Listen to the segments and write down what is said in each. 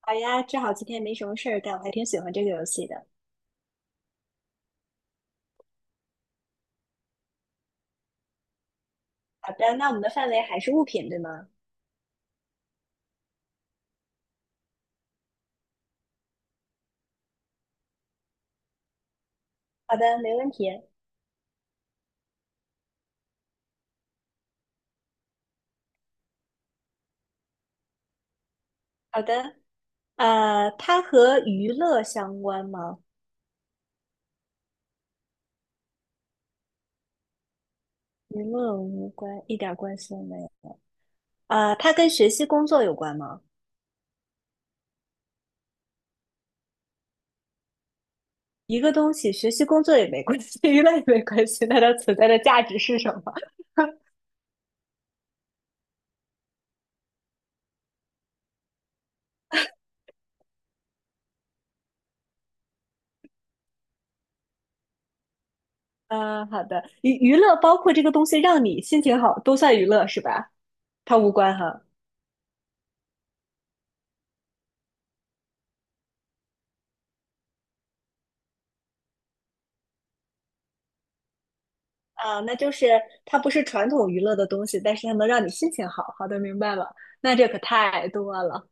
好呀，正好今天没什么事儿干，我还挺喜欢这个游戏的。好的，那我们的范围还是物品，对吗？好的，没问题。好的，它和娱乐相关吗？娱乐无关，一点关系都没有。它跟学习工作有关吗？一个东西学习工作也没关系，娱乐也没关系，那它存在的价值是什么？好的，娱乐包括这个东西让你心情好，都算娱乐是吧？它无关哈。啊，那就是它不是传统娱乐的东西，但是它能让你心情好。好的，明白了。那这可太多了。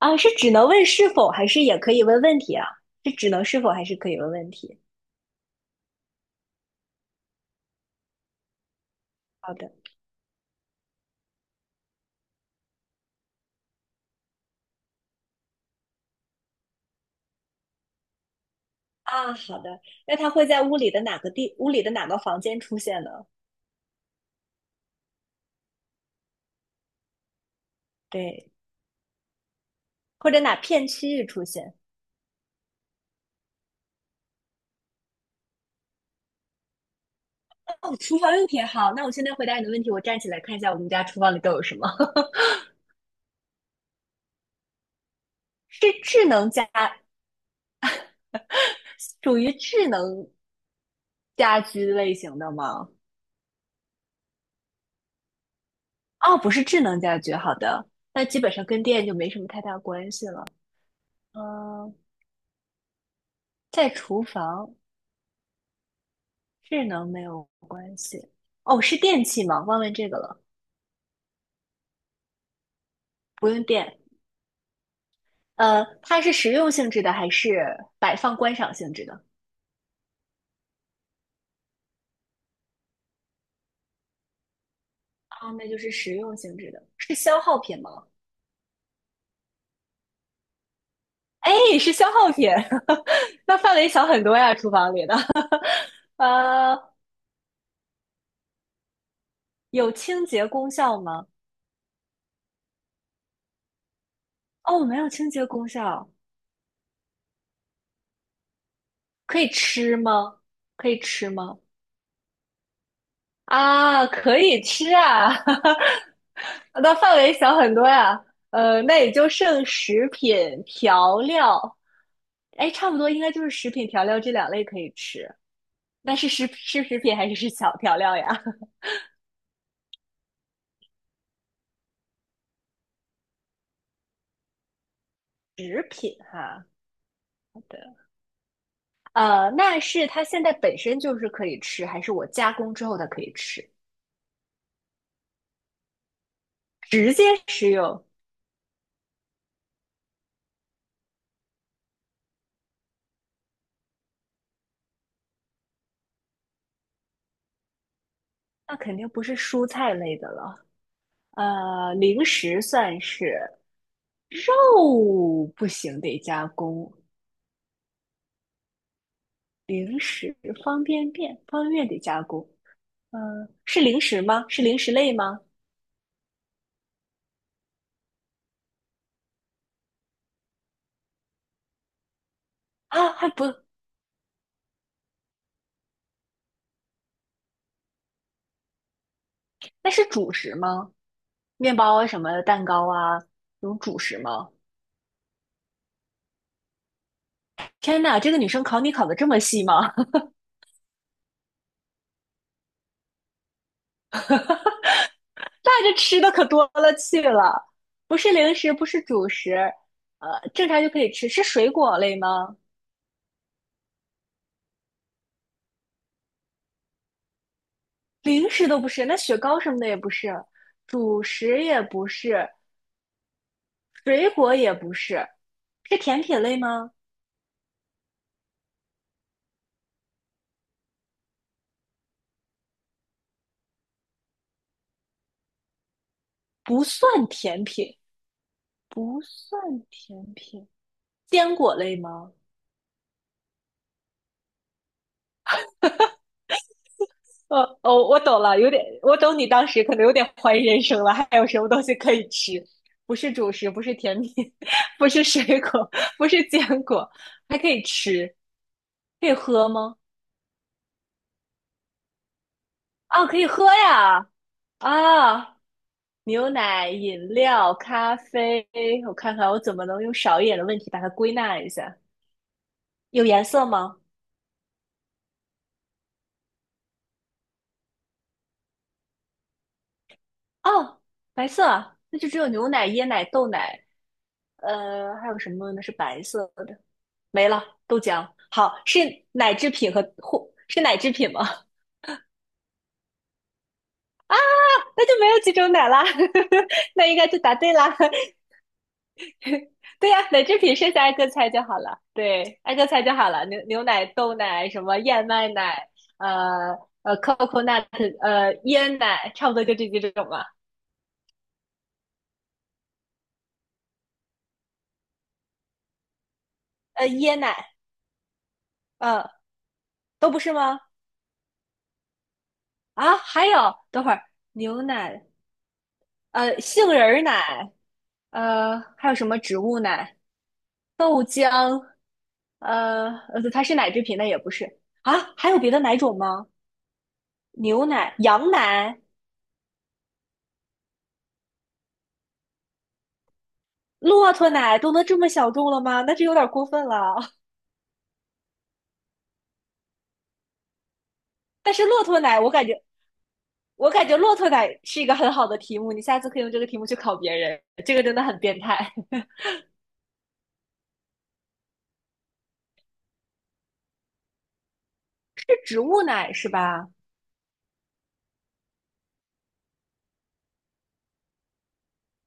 啊！是只能问是否，还是也可以问问题啊？是只能是否，还是可以问问题？好的。啊，好的。那它会在屋里的哪个地，屋里的哪个房间出现呢？对，或者哪片区域出现？哦，厨房用品好。那我现在回答你的问题，我站起来看一下我们家厨房里都有什么。是智能家，属于智能家居类型的吗？哦，不是智能家居，好的，那基本上跟电就没什么太大关系了。嗯，在厨房，智能没有关系。哦，是电器吗？忘问这个了，不用电。它是实用性质的还是摆放观赏性质的？啊，那就是实用性质的，是消耗品吗？哎，是消耗品，那范围小很多呀，厨房里的。呃，有清洁功效吗？哦，没有清洁功效，可以吃吗？可以吃吗？啊，可以吃啊，那范围小很多呀。那也就剩食品调料，哎，差不多应该就是食品调料这两类可以吃。那是食品还是是小调料呀？食品哈，好的。那是它现在本身就是可以吃，还是我加工之后它可以吃？直接食用，那肯定不是蔬菜类的了。零食算是，哦，不行，得加工。零食方便面，方便面得加工。嗯、是零食吗？是零食类吗？啊，还不，那是主食吗？面包啊，什么蛋糕啊，那种主食吗？天呐，这个女生考你考的这么细吗？带着吃的可多了去了，不是零食，不是主食，正常就可以吃，是水果类吗？零食都不是，那雪糕什么的也不是，主食也不是，水果也不是，是甜品类吗？不算甜品，不算甜品，坚果类吗？哦，我懂了，有点，我懂你当时可能有点怀疑人生了，还有什么东西可以吃？不是主食，不是甜品，不是水果，不是坚果，还可以吃，可以喝吗？啊，可以喝呀！啊，牛奶、饮料、咖啡，我看看我怎么能用少一点的问题把它归纳一下。有颜色吗？哦，白色啊，那就只有牛奶、椰奶、豆奶。还有什么呢？是白色的，没了，豆浆。好，是奶制品或是奶制品吗？那就没有几种奶啦，那应该就答对啦。对呀、奶制品剩下挨个猜就好了。对，挨个猜就好了。牛奶、豆奶、什么燕麦奶，呃，coconut，椰奶，差不多就这几种吧。椰奶，呃，都不是吗？啊，还有，等会儿，牛奶，杏仁儿奶，还有什么植物奶？豆浆，它是奶制品，那也不是啊？还有别的奶种吗？牛奶、羊奶、骆驼奶都能这么小众了吗？那这有点过分了。但是骆驼奶，我感觉，我感觉骆驼奶是一个很好的题目，你下次可以用这个题目去考别人，这个真的很变态。是植物奶是吧？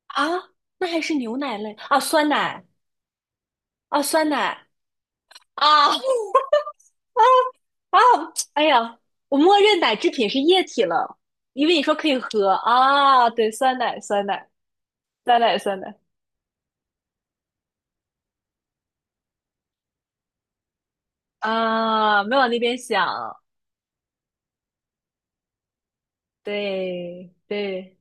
啊，那还是牛奶类啊？酸奶啊？酸奶啊？啊，哎呀，我默认奶制品是液体了，因为你说可以喝啊。对，酸奶，酸奶，酸奶，酸奶啊，没往那边想。对对，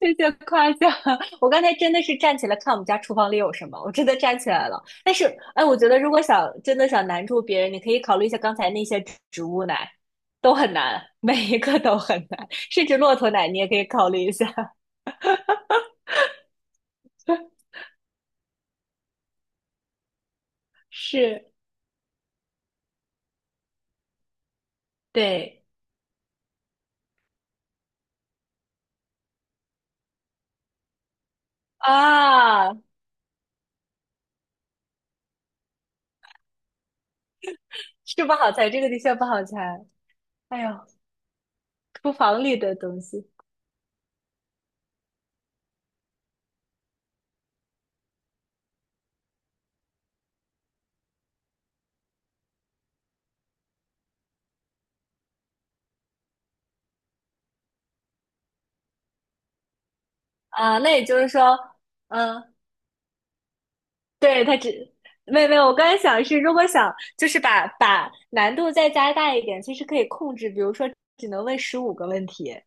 谢谢夸奖。我刚才真的是站起来看我们家厨房里有什么，我真的站起来了。但是，哎，我觉得如果想真的想难住别人，你可以考虑一下刚才那些植物奶，都很难，每一个都很难，甚至骆驼奶你也可以考虑一下。是，对。啊，是不好猜，这个的确不好猜。哎呦，厨房里的东西啊，那也就是说，嗯，对，它只，没有没有，我刚才想的是，如果想就是把难度再加大一点，其实可以控制，比如说只能问15个问题，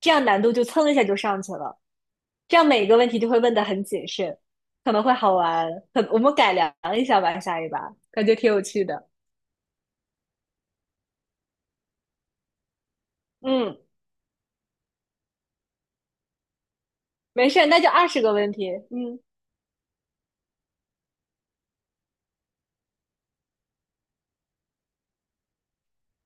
这样难度就蹭一下就上去了，这样每个问题就会问的很谨慎，可能会好玩。可我们改良一下吧，下一把感觉挺有趣的。嗯，没事，那就二十个问题。嗯。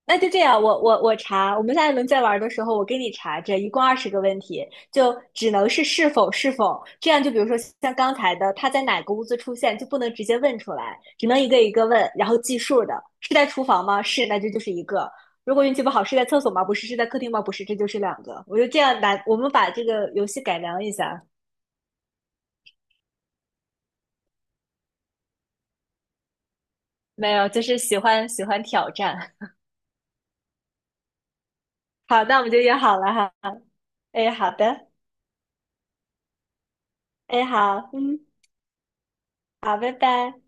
那就这样，我查，我们下一轮再玩的时候，我给你查这一共二十个问题，就只能是是否是否，这样就比如说像刚才的，他在哪个屋子出现，就不能直接问出来，只能一个一个问，然后计数的，是在厨房吗？是，那这就是一个。如果运气不好，是在厕所吗？不是，是在客厅吗？不是，这就是两个。我就这样来，我们把这个游戏改良一下。没有，就是喜欢挑战。好，那我们就约好了哈。哎，好的，哎，好，嗯，好，拜拜。